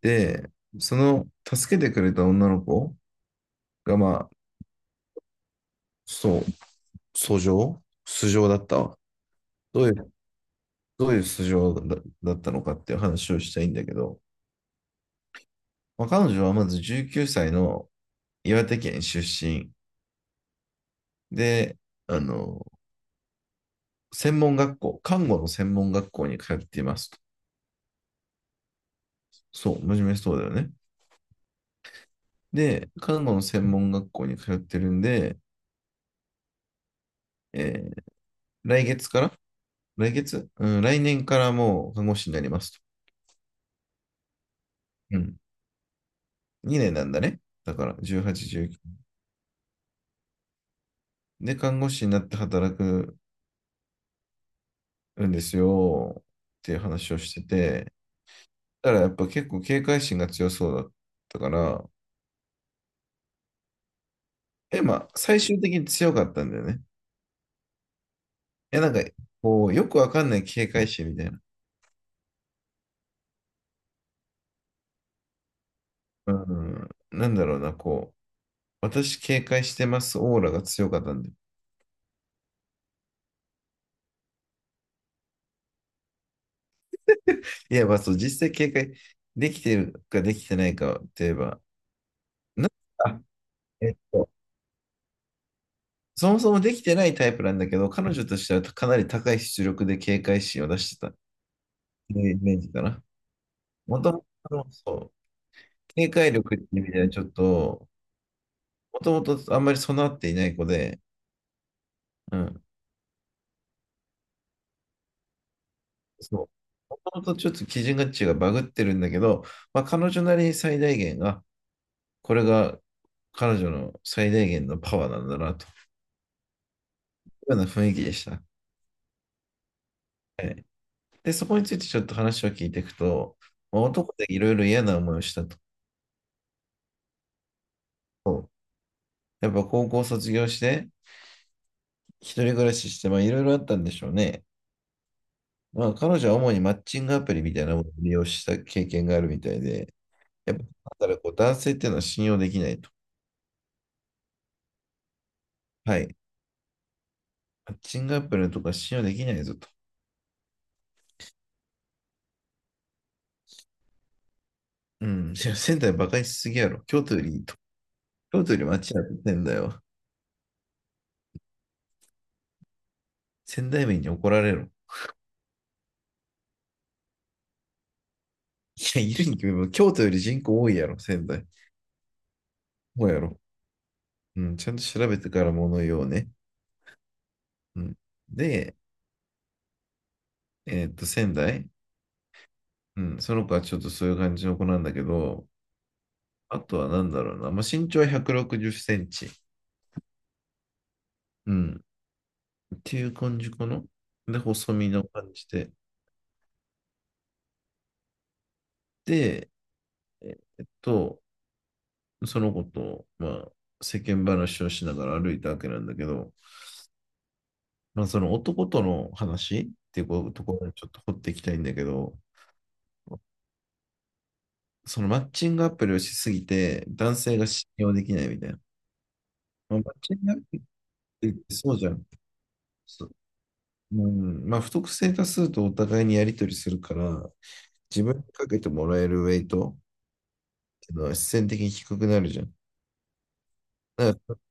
で、その助けてくれた女の子が、そう、訴状素性だったわ。どういう、どういう素性だ、だったのかっていう話をしたいんだけど、まあ、彼女はまず19歳の岩手県出身で、あの、専門学校、看護の専門学校に通っていますと。そう、真面目そうだよね。で、看護の専門学校に通ってるんで、えー来月から来月うん、来年からもう看護師になりますと。うん、2年なんだね。だから、18、19。で、看護師になって働くんですよっていう話をしてて、だからやっぱ結構警戒心が強そうだったから、え、まあ、最終的に強かったんだよね。え、なんか、こう、よくわかんない警戒心みたいな。うん、なんだろうな、こう、私警戒してますオーラが強かったんで。いや、まあそう、実際警戒できてるかできてないかって言えば、なあ、えっと、そもそもできてないタイプなんだけど、彼女としてはかなり高い出力で警戒心を出してたっていうイメージかな。もともと、そう、警戒力っていう意味ではちょっと、もともとあんまり備わっていない子で、うん、そう。もともとちょっと基準価値がバグってるんだけど、まあ、彼女なりに最大限が、これが彼女の最大限のパワーなんだなというような雰囲気でした。はい。で、そこについてちょっと話を聞いていくと、まあ男でいろいろ嫌な思いをしたと。やっぱ高校卒業して、一人暮らしして、まあいろいろあったんでしょうね。まあ彼女は主にマッチングアプリみたいなものを利用した経験があるみたいで、やっぱ、だからこう男性っていうのは信用できないと。はい。マッチングアプリのとか信用できないぞと。うん。いや仙台バカにしすぎやろ。京都よりいいと。京都より街やってんだよ。仙台民に怒られろ。いや、いるに決めば、京都より人口多いやろ、仙台。そうやろ。うん。ちゃんと調べてから物言おうね。うん。で、えーっと、仙台。うん、その子はちょっとそういう感じの子なんだけど、あとはなんだろうな、まあ、身長は160センチ、うん、っていう感じかな。で、細身の感じで。で、えっと、その子と、まあ、世間話をしながら歩いたわけなんだけど、まあ、その男との話っていうこところにちょっと掘っていきたいんだけど、そのマッチングアプリをしすぎて、男性が信用できないみたいな。まあマッチングアプリってそうじゃん。そうん、まあ、不特定多数とお互いにやり取りするから、自分にかけてもらえるウェイトっていうのは必然的に低くなるじゃん。だから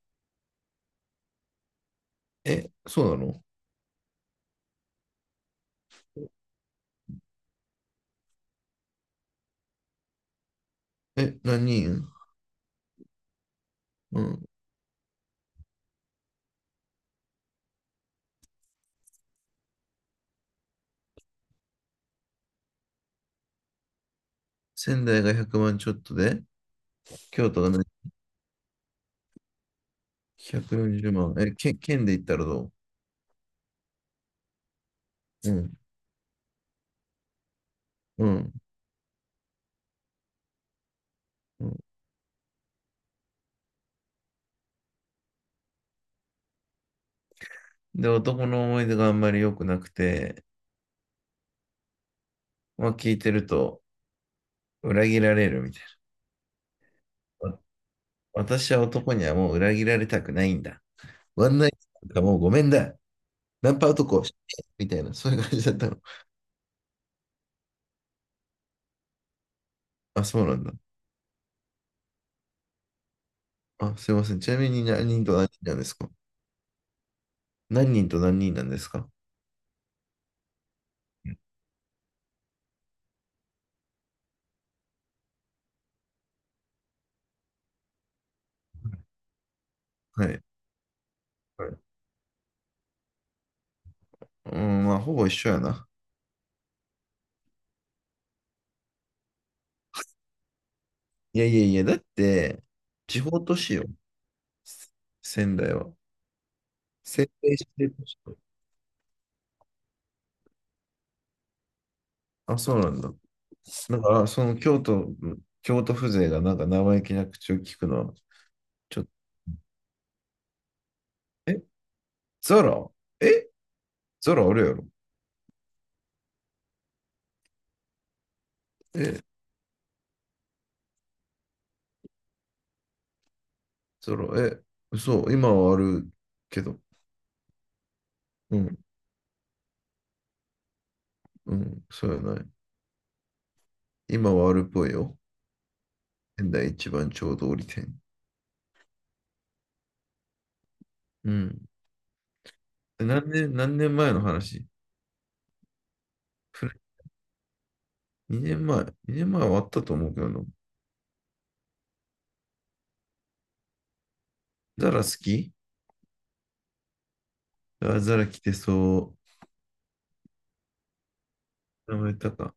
え、そうなの？え、何人？うん。仙台が100万ちょっとで、京都が何？140万。え、県、県で言ったらどう？うん、うん、うん。で、男の思い出があんまり良くなくて、まあ、聞いてると裏切られるみたいな。わ、私は男にはもう裏切られたくないんだ。ワンナイトなんかもうごめんだ。ナンパ男をしてみたいな、そういう感じだったの。あ、そうなんだ。あ、すいません。ちなみに何人と何人なんですか？何人と何人なんですかはい。はい。うーん、まあ、ほぼ一緒やな。いやいやいや、だって、地方都市よ。仙台は。仙台市で都市、あ、そうなんだ。なんか、京都風情がなんか生意気な口を聞くのは、ちょっと、え、ザラえ、ザラあるやろ？え、え、嘘、今はあるけど。うん。うん、そうやな。今はあるっぽいよ。仙台一番ちょうど折り点。うん。で何年、何年前の話？ふ？ 2 年前。2年前はあったと思うけどな。ザラ好き？あ、ザラ来てそう。名前言ったか。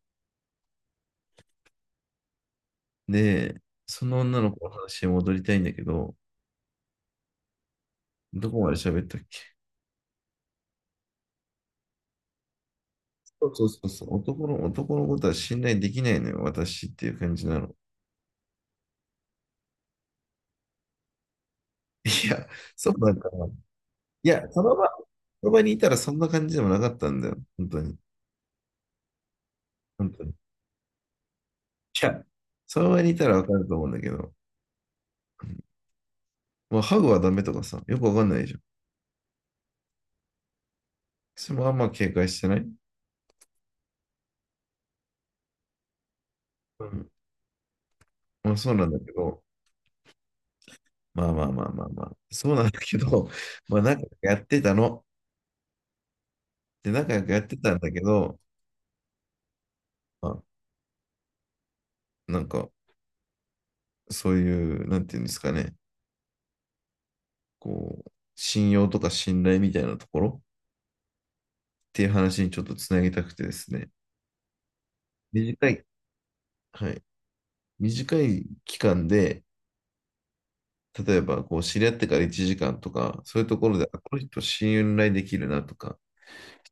で、その女の子の話に戻りたいんだけど、どこまで喋ったっけ？そうそうそうそう。男の、男のことは信頼できないのよ、私っていう感じなの。いや、そうなんかな。いや、その場にいたらそんな感じでもなかったんだよ。本当に。本当に、いや、その場にいたらわかると思うんだけど、まあ、ハグはダメとかさ、よくわかんないじゃん。それもあんま警戒してない、うん、まあそうなんだけど、まあまあまあまあまあ、そうなんだけど、まあ仲良くやってたの。で、仲良くやってたんだけど、まあ、なんか、そういう、なんていうんですかね、こう、信用とか信頼みたいなところっていう話にちょっとつなげたくてですね、短い、はい、短い期間で、例えば、こう、知り合ってから1時間とか、そういうところで、あ、この人信頼できるなとか、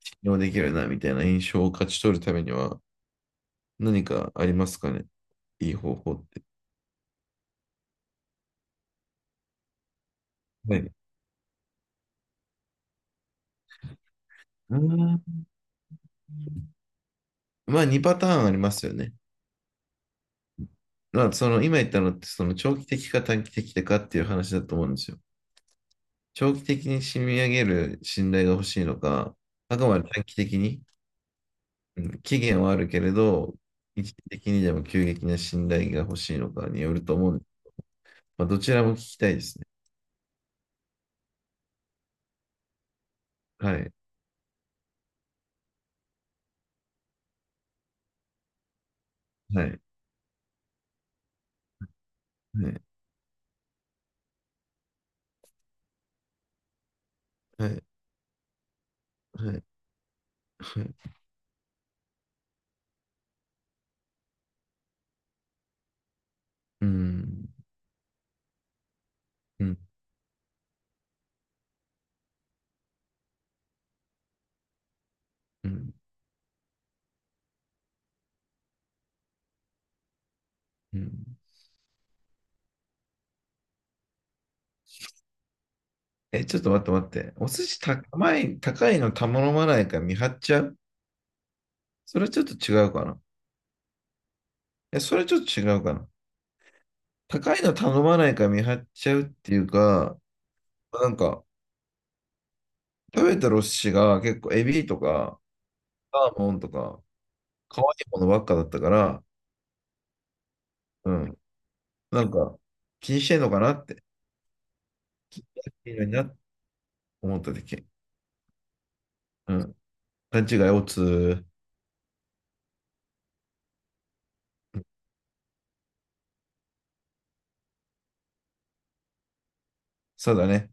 信用できるなみたいな印象を勝ち取るためには、何かありますかね、いい方法って。はい。うん。まあ、2パターンありますよね。まあ、その、今言ったのって、その、長期的か短期的かっていう話だと思うんですよ。長期的に染み上げる信頼が欲しいのか、あくまで短期的に、うん、期限はあるけれど、一時的にでも急激な信頼が欲しいのかによると思うんです。まあ、どちらも聞きたいですね。はい。はい。はい。はい。はい。はい。うん。うん。うん。うん。え、ちょっと待って待って。お寿司高い、高いの頼まないから見張っちゃう？それはちょっと違うかな。え、それちょっと違うかな。高いの頼まないから見張っちゃうっていうか、なんか、食べたお寿司が結構エビとか、サーモンとか、可愛いものばっかだったから、うん。なんか、気にしてんのかなって、気にしてるなって思っただけ。うん。勘違いをつ、そうだね。